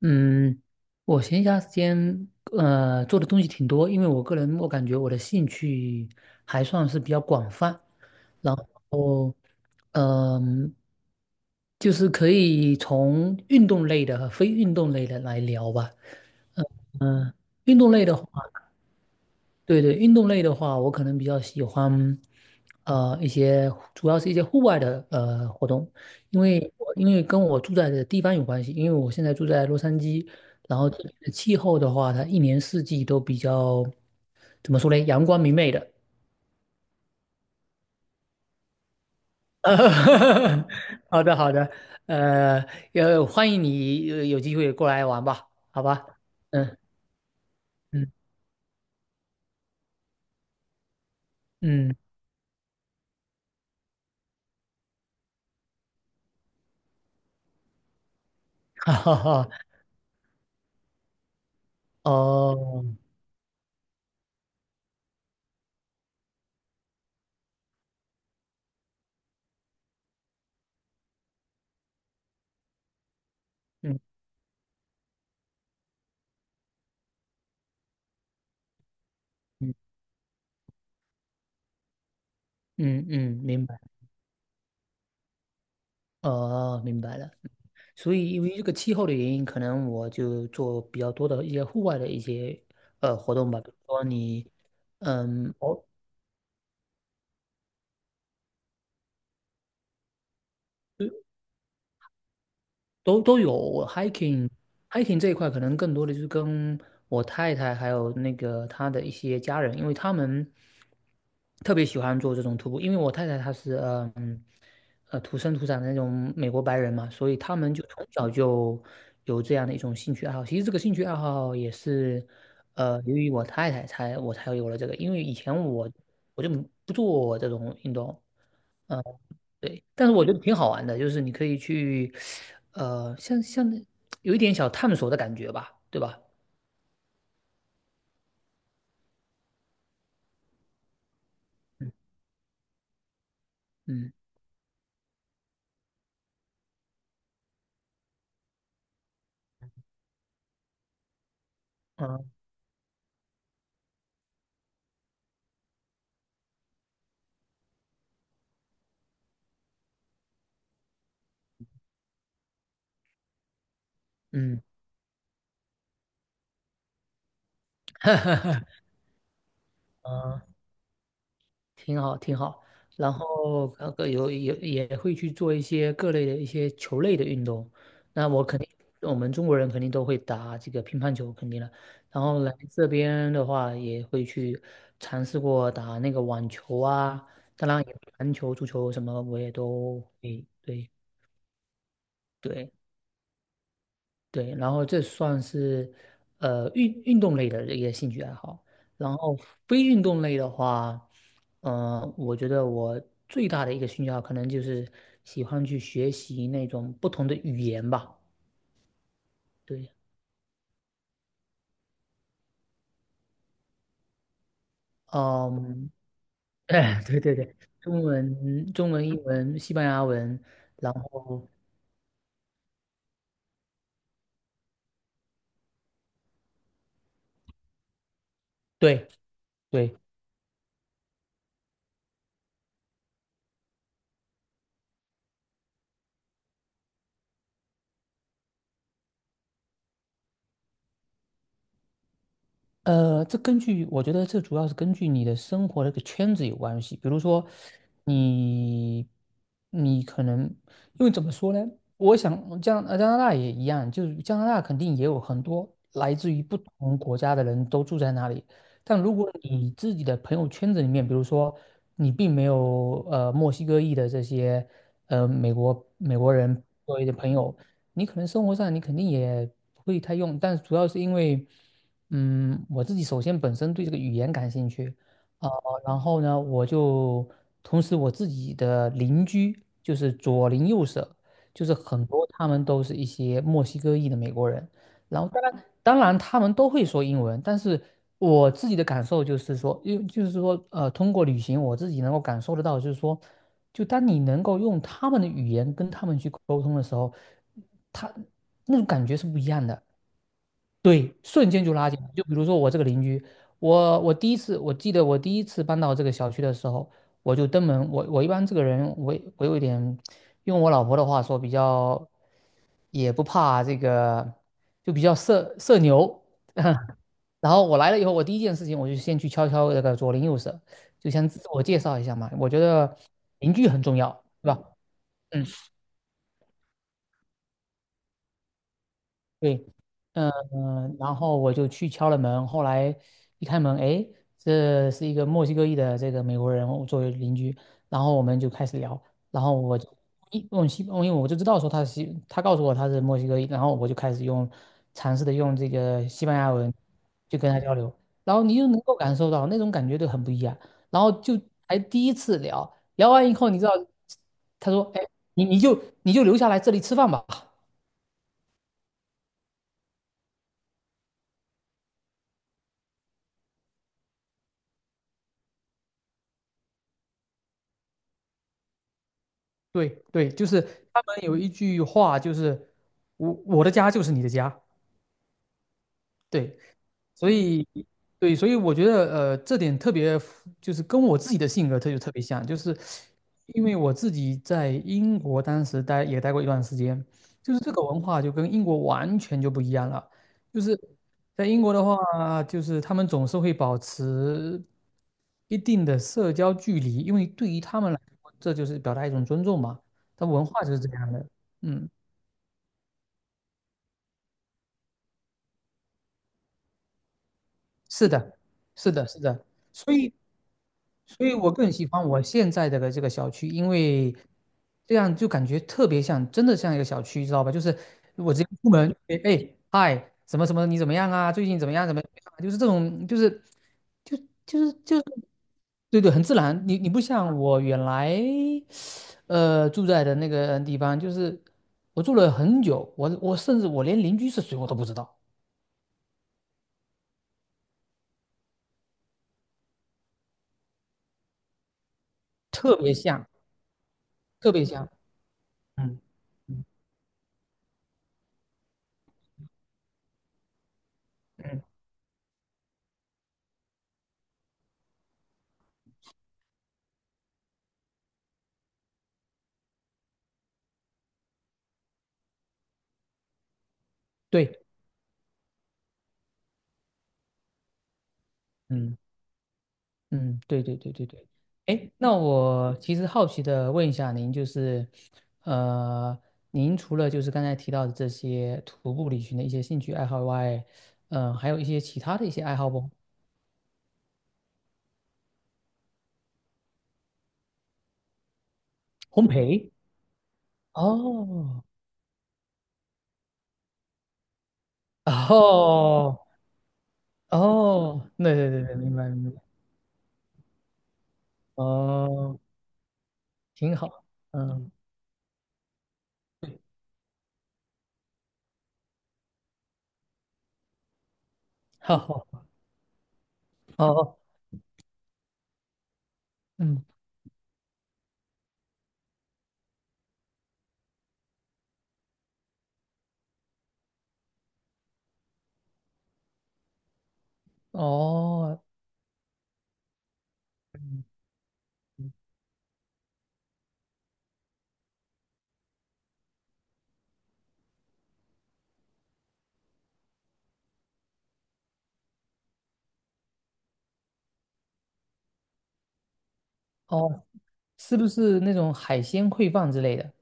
嗯，我闲暇时间做的东西挺多，因为我个人，我感觉我的兴趣还算是比较广泛，然后嗯、就是可以从运动类的和非运动类的来聊吧。运动类的话，对对，运动类的话，我可能比较喜欢，一些主要是一些户外的活动，因为跟我住在的地方有关系，因为我现在住在洛杉矶。然后这里的气候的话，它一年四季都比较，怎么说呢，阳光明媚的。好的好的，呃，也欢迎你有机会过来玩吧，好吧。嗯嗯嗯。哈哈哈。哦。嗯嗯嗯嗯，明白。哦，明白了。所以因为这个气候的原因，可能我就做比较多的一些户外的一些活动吧，比如说你，嗯，偶都有。我 hiking 这一块可能更多的就是跟我太太还有那个她的一些家人，因为他们特别喜欢做这种徒步。因为我太太她是土生土长的那种美国白人嘛，所以他们就从小就有这样的一种兴趣爱好。其实这个兴趣爱好也是由于我太太才我才有了这个，因为以前我就不做这种运动。嗯。对，但是我觉得挺好玩的，就是你可以去，像有一点小探索的感觉吧，对吧？嗯嗯嗯嗯嗯。挺好挺好。然后那个也会去做一些各类的一些球类的运动。那我肯定，我们中国人肯定都会打这个乒乓球，肯定了。然后来这边的话，也会去尝试过打那个网球啊，当然也篮球、足球什么我也都会，对对。对，然后这算是运动类的一个兴趣爱好。然后非运动类的话，我觉得我最大的一个兴趣爱好可能就是喜欢去学习那种不同的语言吧。对。嗯。哎对对对，中文、中文、英文、西班牙文。然后对对。这根据我觉得这主要是根据你的生活的一个圈子有关系。比如说你，你可能，因为怎么说呢？我想加拿大也一样，就是加拿大肯定也有很多来自于不同国家的人都住在那里。但如果你自己的朋友圈子里面，比如说你并没有墨西哥裔的这些美国人作为的朋友，你可能生活上你肯定也不会太用，但主要是因为，我自己首先本身对这个语言感兴趣。呃，然后呢，同时我自己的邻居就是左邻右舍，就是很多他们都是一些墨西哥裔的美国人。然后当然他们都会说英文，但是。我自己的感受就是说，因为就是说，通过旅行，我自己能够感受得到，就是说，就当你能够用他们的语言跟他们去沟通的时候，他那种感觉是不一样的。对，瞬间就拉近了，就比如说我这个邻居，我记得我第一次搬到这个小区的时候，我就登门。我一般这个人，我有一点，用我老婆的话说，比较也不怕这个，就比较社牛。然后我来了以后，我第一件事情我就先去敲敲这个左邻右舍，就先自我介绍一下嘛。我觉得邻居很重要，对吧？嗯。对。然后我就去敲了门，后来一开门，哎，这是一个墨西哥裔的这个美国人我作为邻居。然后我们就开始聊，然后我就一用西，因为我就知道说他是西，他告诉我他是墨西哥裔。然后我就开始尝试的用这个西班牙文就跟他交流，然后你就能够感受到那种感觉就很不一样，然后就还第一次聊，聊完以后你知道，他说，哎，你就留下来这里吃饭吧。对对，就是他们有一句话，就是我的家就是你的家。对。所以对，所以我觉得这点特别符就是跟我自己的性格就特别像，就是因为我自己在英国当时待也待过一段时间，就是这个文化就跟英国完全就不一样了。就是在英国的话，就是他们总是会保持一定的社交距离，因为对于他们来说，这就是表达一种尊重嘛，他文化就是这样的。嗯，是的，是的，是的。所以，所以我更喜欢我现在的这个小区，因为这样就感觉特别像，真的像一个小区，知道吧？就是我直接出门，哎哎，嗨，什么什么，你怎么样啊？最近怎么样？怎么样啊就是这种，就就是，对对，很自然。你不像我原来住在的那个地方，就是我住了很久，我甚至我连邻居是谁我都不知道。特别像，特别像。嗯嗯嗯。对。嗯。嗯，对对对对对。哎，那我其实好奇的问一下您，就是，呃，您除了就是刚才提到的这些徒步旅行的一些兴趣爱好外，还有一些其他的一些爱好不？烘焙。哦，哦，哦，对对对对，明白明白，哦，挺好，嗯，好好，哦，嗯，哦，嗯哦哦，是不是那种海鲜烩饭之类的？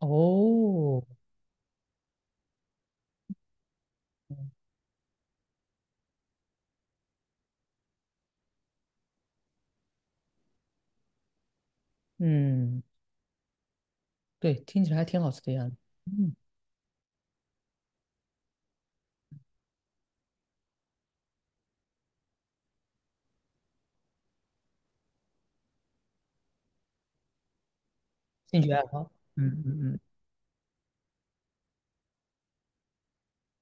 哦，嗯，对，听起来还挺好吃的样子。嗯，兴趣爱好。嗯嗯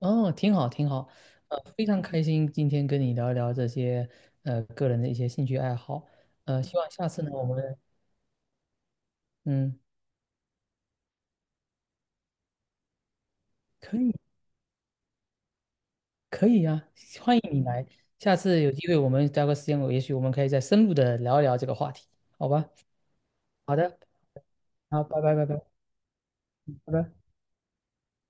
嗯。哦，挺好挺好。非常开心今天跟你聊一聊这些个人的一些兴趣爱好。希望下次呢我们嗯可以。可以呀、欢迎你来，下次有机会我们找个时间，我也许我们可以再深入的聊一聊这个话题，好吧？好的，好，拜拜拜拜拜拜。